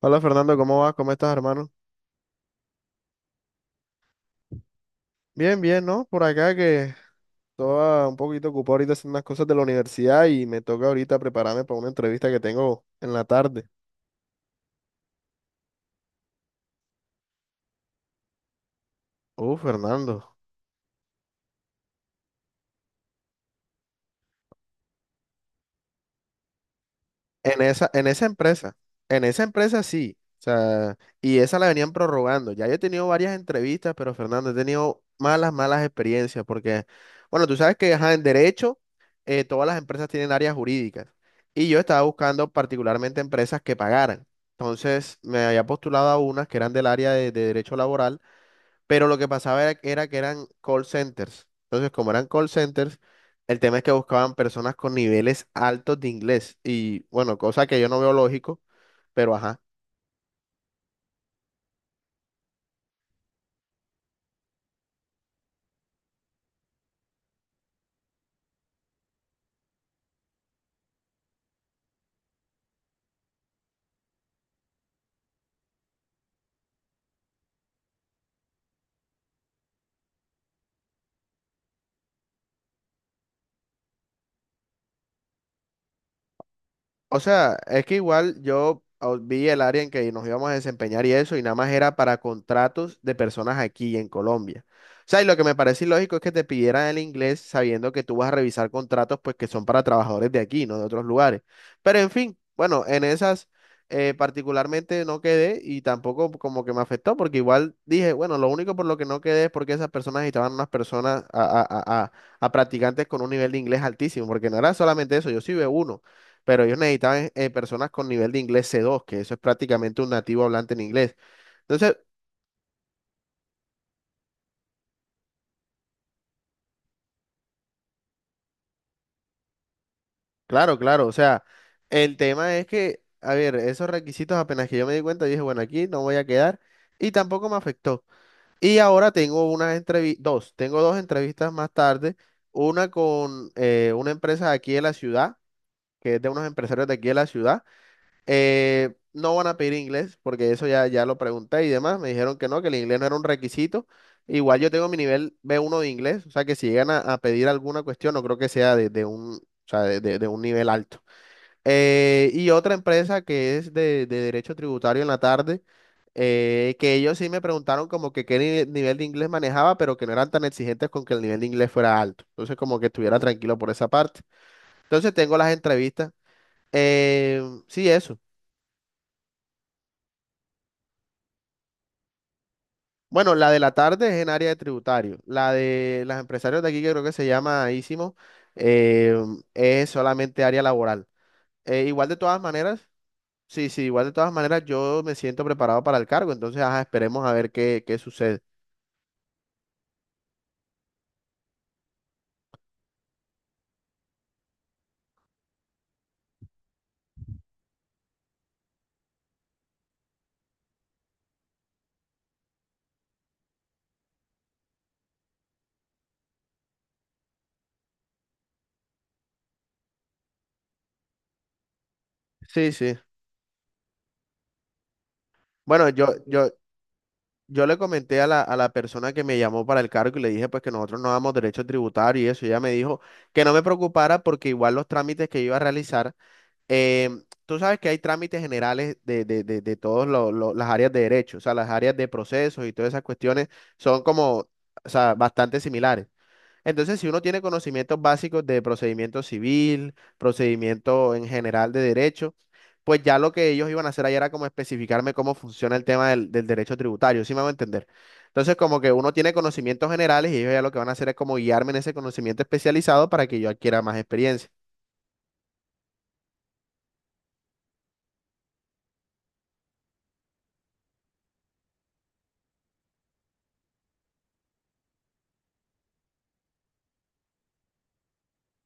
Hola Fernando, ¿cómo vas? ¿Cómo estás, hermano? Bien, bien, ¿no? Por acá que estaba un poquito ocupado ahorita haciendo unas cosas de la universidad y me toca ahorita prepararme para una entrevista que tengo en la tarde. Fernando. En esa, en esa empresa, en esa empresa sí. O sea, y esa la venían prorrogando. Ya yo he tenido varias entrevistas, pero Fernando, he tenido malas, malas experiencias porque, bueno, tú sabes que ajá, en derecho todas las empresas tienen áreas jurídicas y yo estaba buscando particularmente empresas que pagaran. Entonces me había postulado a unas que eran del área de derecho laboral. Pero lo que pasaba era que eran call centers. Entonces, como eran call centers, el tema es que buscaban personas con niveles altos de inglés. Y bueno, cosa que yo no veo lógico, pero ajá. O sea, es que igual yo vi el área en que nos íbamos a desempeñar y eso, y nada más era para contratos de personas aquí en Colombia. O sea, y lo que me parece ilógico es que te pidieran el inglés sabiendo que tú vas a revisar contratos pues que son para trabajadores de aquí, no de otros lugares. Pero en fin, bueno, en esas particularmente no quedé y tampoco como que me afectó porque igual dije, bueno, lo único por lo que no quedé es porque esas personas estaban unas personas a practicantes con un nivel de inglés altísimo, porque no era solamente eso, yo sí veo uno pero ellos necesitaban personas con nivel de inglés c dos que eso es prácticamente un nativo hablante en inglés. Entonces, claro, claro, o sea, el tema es que, a ver, esos requisitos apenas que yo me di cuenta, yo dije, bueno, aquí no voy a quedar y tampoco me afectó. Y ahora tengo unas entrevistas, dos, tengo dos entrevistas más tarde, una con una empresa de aquí de la ciudad, que es de unos empresarios de aquí de la ciudad. No van a pedir inglés porque eso ya, ya lo pregunté y demás. Me dijeron que no, que el inglés no era un requisito. Igual yo tengo mi nivel B1 de inglés, o sea que si llegan a pedir alguna cuestión, no creo que sea de un, o sea, de un nivel alto. Y otra empresa que es de derecho tributario en la tarde, que ellos sí me preguntaron como que qué nivel de inglés manejaba, pero que no eran tan exigentes con que el nivel de inglés fuera alto. Entonces como que estuviera tranquilo por esa parte. Entonces tengo las entrevistas. Eh, sí, eso. Bueno, la de la tarde es en área de tributario. La de los empresarios de aquí, que creo que se llama ISIMO, eh, es solamente área laboral. Igual de todas maneras, sí, sí, igual de todas maneras yo me siento preparado para el cargo, entonces ajá, esperemos a ver qué, qué sucede. Sí, sí. Bueno, yo le comenté a la persona que me llamó para el cargo y le dije pues que nosotros no damos derecho tributario y eso. Y ella me dijo que no me preocupara porque igual los trámites que iba a realizar. Tú sabes que hay trámites generales de todas las áreas de derecho, o sea, las áreas de procesos y todas esas cuestiones son como, o sea, bastante similares. Entonces, si uno tiene conocimientos básicos de procedimiento civil, procedimiento en general de derecho, pues ya lo que ellos iban a hacer ahí era como especificarme cómo funciona el tema del derecho tributario, ¿sí me va a entender? Entonces, como que uno tiene conocimientos generales y ellos ya lo que van a hacer es como guiarme en ese conocimiento especializado para que yo adquiera más experiencia.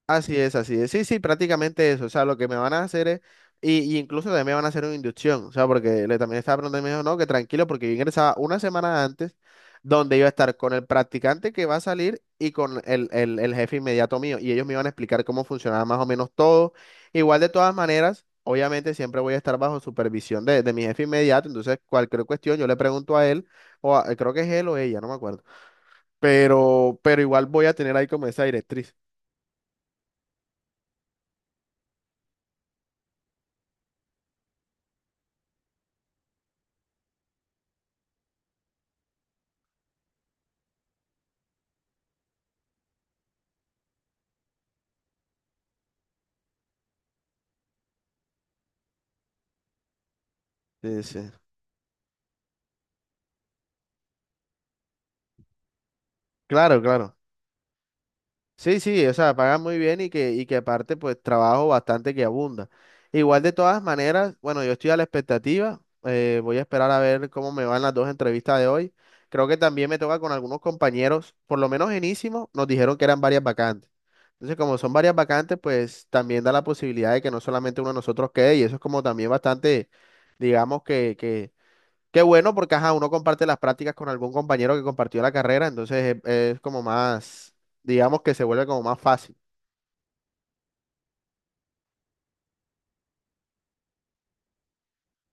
Así es, así es. Sí, sí, prácticamente eso. O sea, lo que me van a hacer es, y incluso también me van a hacer una inducción. O sea, porque le también estaba preguntando y me dijo, no, que tranquilo, porque yo ingresaba una semana antes, donde iba a estar con el practicante que va a salir y con el jefe inmediato mío. Y ellos me iban a explicar cómo funcionaba más o menos todo. Igual de todas maneras, obviamente siempre voy a estar bajo supervisión de mi jefe inmediato. Entonces, cualquier cuestión, yo le pregunto a él, o creo que es él o ella, no me acuerdo. Pero igual voy a tener ahí como esa directriz. Sí, sí. Claro, claro. Sí, sí, o sea, pagan muy bien y que aparte, pues, trabajo bastante que abunda. Igual de todas maneras, bueno, yo estoy a la expectativa. Voy a esperar a ver cómo me van las dos entrevistas de hoy. Creo que también me toca con algunos compañeros, por lo menos en Ísimo, nos dijeron que eran varias vacantes. Entonces, como son varias vacantes, pues también da la posibilidad de que no solamente uno de nosotros quede, y eso es como también bastante, digamos que qué bueno porque, ajá, uno comparte las prácticas con algún compañero que compartió la carrera, entonces es como más, digamos que se vuelve como más fácil.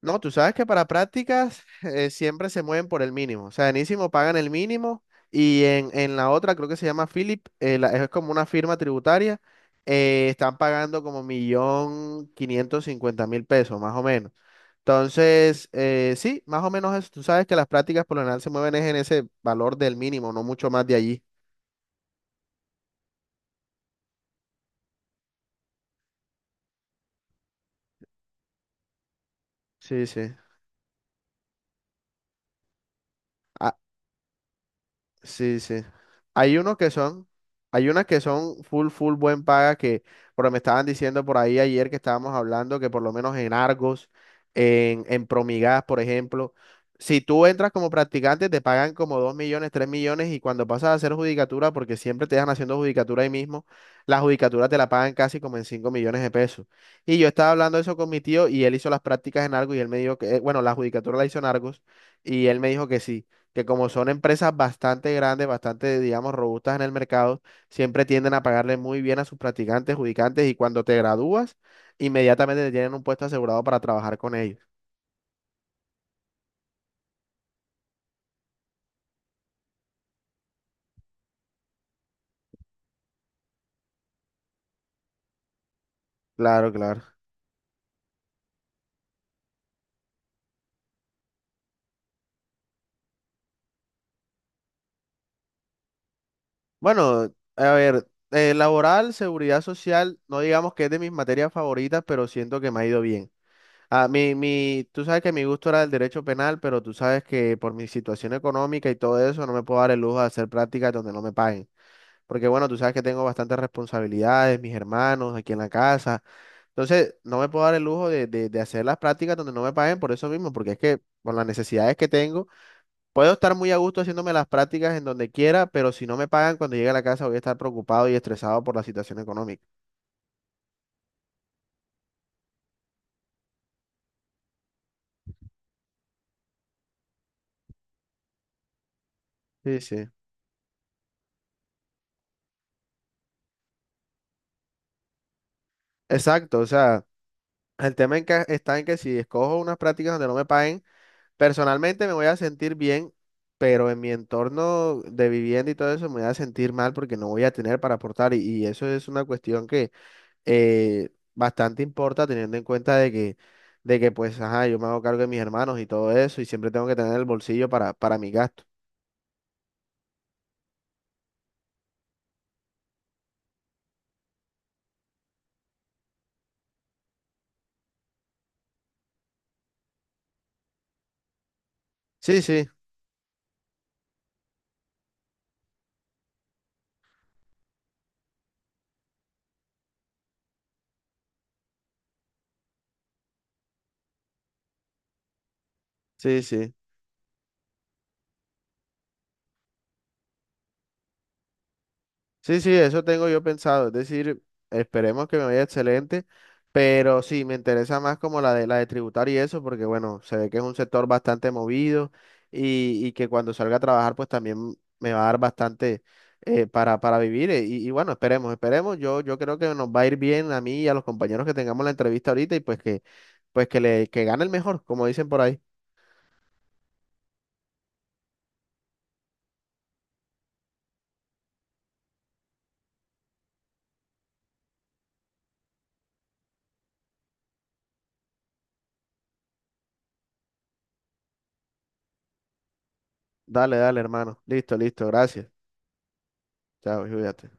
No, tú sabes que para prácticas siempre se mueven por el mínimo, o sea, en ISIMO pagan el mínimo y en la otra, creo que se llama Philip, es como una firma tributaria, están pagando como millón quinientos cincuenta mil pesos, más o menos. Entonces, sí, más o menos eso. Tú sabes que las prácticas por lo general se mueven es en ese valor del mínimo, no mucho más de allí. Sí, sí. Sí, sí. Hay unos que son, hay unas que son full, full buen paga que, pero me estaban diciendo por ahí ayer que estábamos hablando que por lo menos en Argos, en Promigas, por ejemplo, si tú entras como practicante te pagan como 2 millones, 3 millones y cuando pasas a hacer judicatura, porque siempre te dejan haciendo judicatura ahí mismo, la judicatura te la pagan casi como en 5 millones de pesos. Y yo estaba hablando eso con mi tío y él hizo las prácticas en Argos y él me dijo que, bueno, la judicatura la hizo en Argos y él me dijo que sí que como son empresas bastante grandes, bastante, digamos, robustas en el mercado, siempre tienden a pagarle muy bien a sus practicantes, judicantes, y cuando te gradúas, inmediatamente te tienen un puesto asegurado para trabajar con ellos. Claro, claro. Bueno, a ver, laboral, seguridad social, no digamos que es de mis materias favoritas, pero siento que me ha ido bien. Ah, tú sabes que mi gusto era el derecho penal, pero tú sabes que por mi situación económica y todo eso, no me puedo dar el lujo de hacer prácticas donde no me paguen. Porque bueno, tú sabes que tengo bastantes responsabilidades, mis hermanos aquí en la casa. Entonces, no me puedo dar el lujo de hacer las prácticas donde no me paguen por eso mismo, porque es que por las necesidades que tengo, puedo estar muy a gusto haciéndome las prácticas en donde quiera, pero si no me pagan cuando llegue a la casa voy a estar preocupado y estresado por la situación económica. Sí, sí. Exacto, o sea, el tema en que está en que si escojo unas prácticas donde no me paguen, personalmente me voy a sentir bien, pero en mi entorno de vivienda y todo eso me voy a sentir mal porque no voy a tener para aportar. Y eso es una cuestión que bastante importa teniendo en cuenta de que pues, ajá, yo me hago cargo de mis hermanos y todo eso y siempre tengo que tener el bolsillo para mi gasto. Sí, sí, sí, sí. Sí, sí, eso tengo yo pensado. Es decir, esperemos que me vaya excelente, pero sí, me interesa más como la de tributar y eso, porque bueno, se ve que es un sector bastante movido y que cuando salga a trabajar, pues también me va a dar bastante para vivir. Y bueno, esperemos, esperemos. Yo creo que nos va a ir bien a mí y a los compañeros que tengamos la entrevista ahorita y pues que le, que gane el mejor, como dicen por ahí. Dale, dale, hermano. Listo, listo, gracias. Chao, cuídate.